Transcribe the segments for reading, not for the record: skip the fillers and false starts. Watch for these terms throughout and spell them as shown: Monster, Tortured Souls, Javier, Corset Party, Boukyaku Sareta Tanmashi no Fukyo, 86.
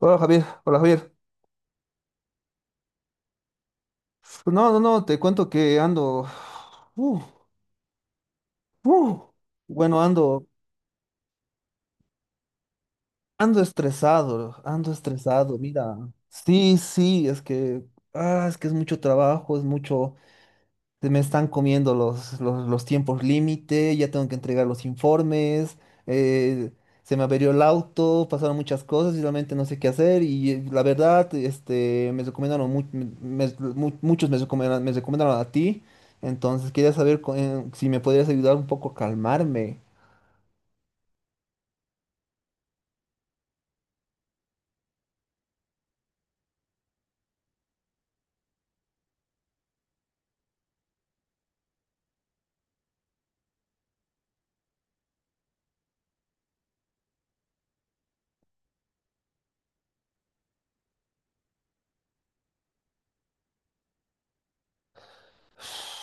Hola Javier, hola Javier. No, no, no, te cuento que ando, uh, uh, bueno, ando estresado, mira. Sí, sí, es que es mucho trabajo, es mucho, se me están comiendo los tiempos límite, ya tengo que entregar los informes, eh, se me averió el auto, pasaron muchas cosas y realmente no sé qué hacer y la verdad, este, me recomendaron, mu- me- mu- muchos me recomendaron a ti, entonces quería saber si me podrías ayudar un poco a calmarme.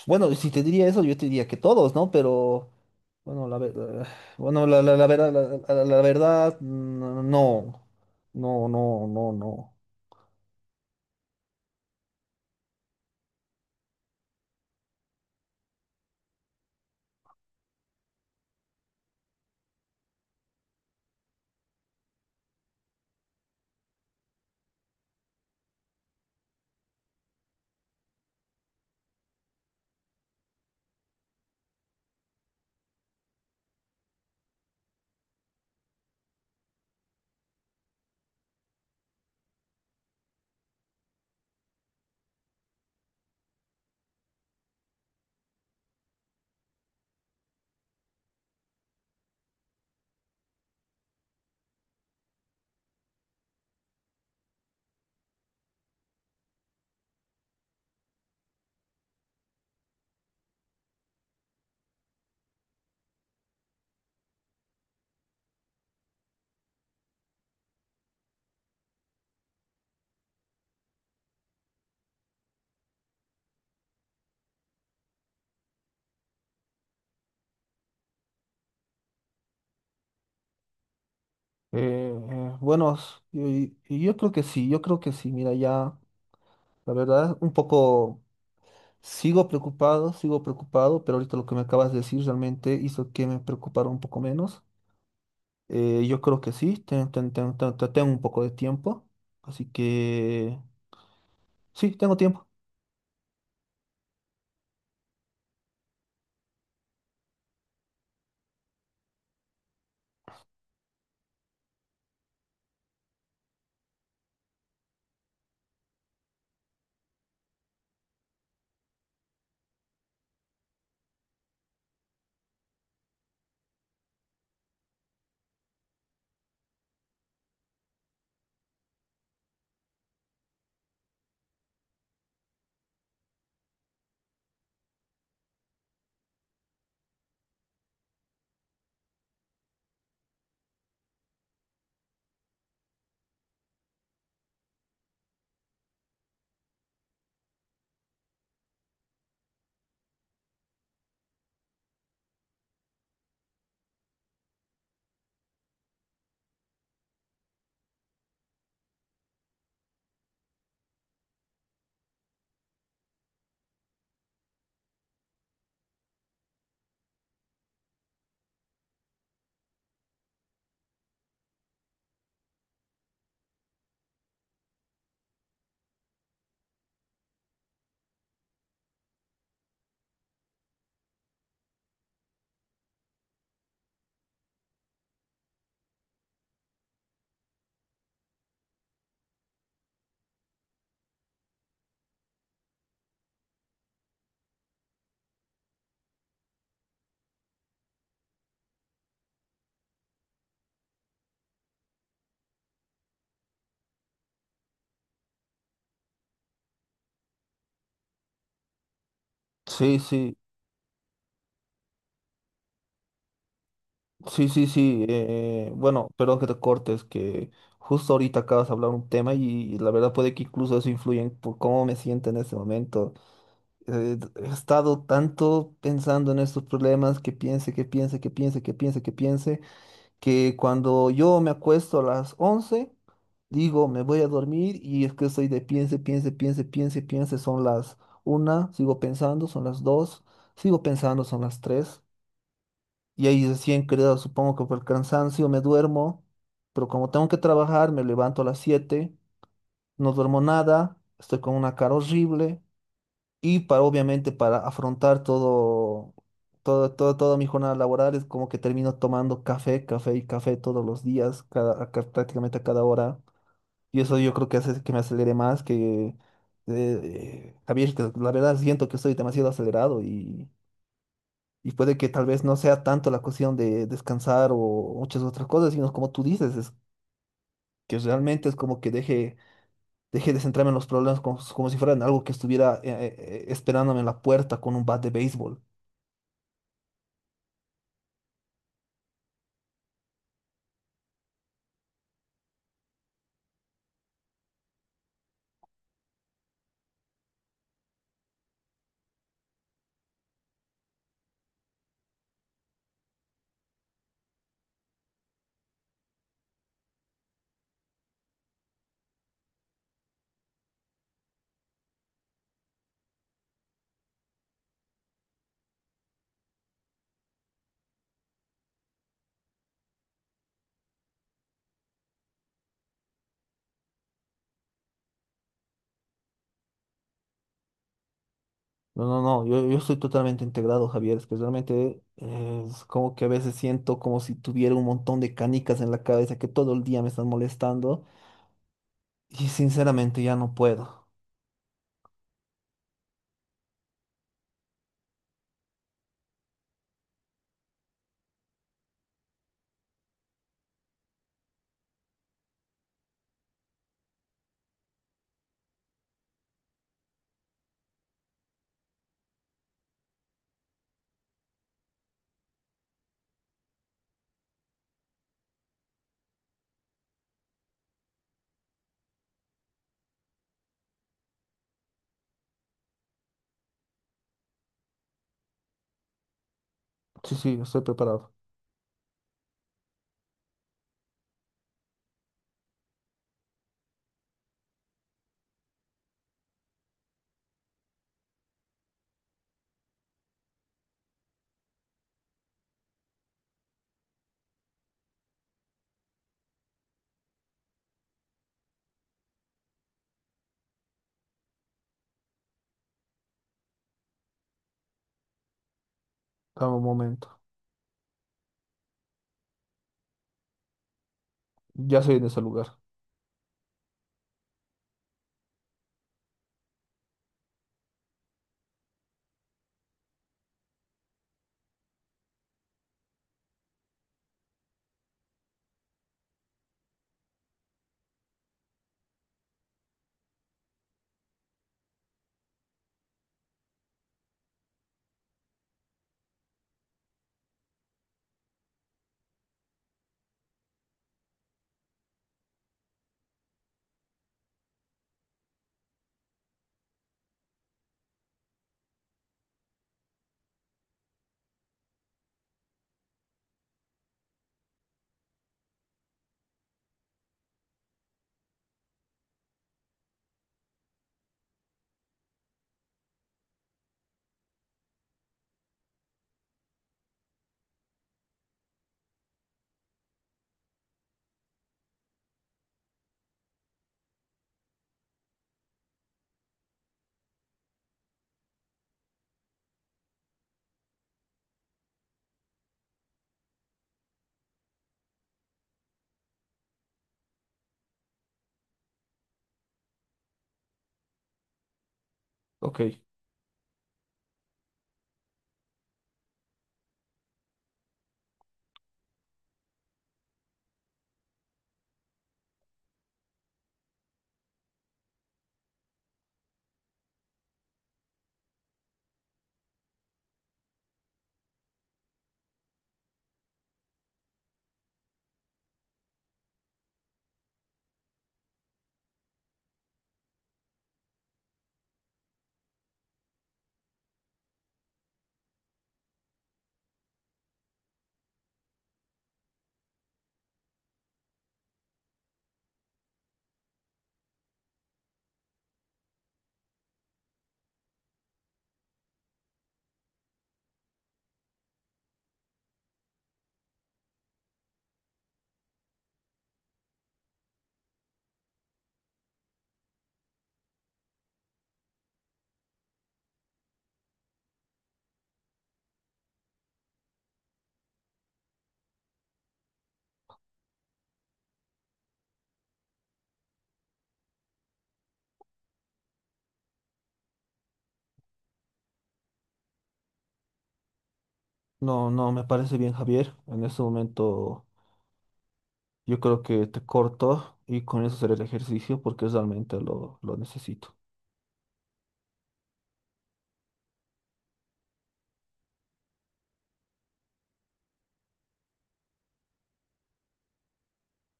Bueno, si te diría eso, yo te diría que todos, ¿no? Pero, bueno, la verdad, no, no, no, no, no. Eh, bueno, y yo, creo que sí, yo creo que sí. Mira, ya, la verdad, un poco sigo preocupado, pero ahorita lo que me acabas de decir realmente hizo que me preocupara un poco menos. Yo creo que sí, tengo un poco de tiempo, así que sí, tengo tiempo. Sí, sí, sí, sí, sí. Bueno, perdón que te cortes, que justo ahorita acabas de hablar un tema y, la verdad puede que incluso eso influya en por cómo me siento en este momento. He estado tanto pensando en estos problemas que piense, que piense, que piense, que piense, que piense, que cuando yo me acuesto a las 11 digo, me voy a dormir y es que estoy de piense, piense, piense, piense, piense, son las 1 sigo pensando, son las 2 sigo pensando, son las 3 y ahí recién creo, supongo que por el cansancio me duermo, pero como tengo que trabajar, me levanto a las 7, no duermo nada, estoy con una cara horrible. Y para, obviamente, para afrontar todo, todo, todo, toda mi jornada laboral, es como que termino tomando café, café y café todos los días, prácticamente a cada hora. Y eso yo creo que hace que me acelere más, Javier, que la verdad siento que estoy demasiado acelerado y puede que tal vez no sea tanto la cuestión de descansar o muchas otras cosas, sino como tú dices, es que realmente es como que deje de centrarme en los problemas como si fueran algo que estuviera esperándome en la puerta con un bat de béisbol. No, no, no, yo estoy totalmente integrado, Javier, es que realmente es como que a veces siento como si tuviera un montón de canicas en la cabeza que todo el día me están molestando y sinceramente ya no puedo. Sí, sí, estoy preparado. Dame un momento. Ya soy en ese lugar. Ok. No, no, me parece bien, Javier. En este momento yo creo que te corto y con eso será el ejercicio porque realmente lo necesito.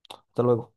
Hasta luego.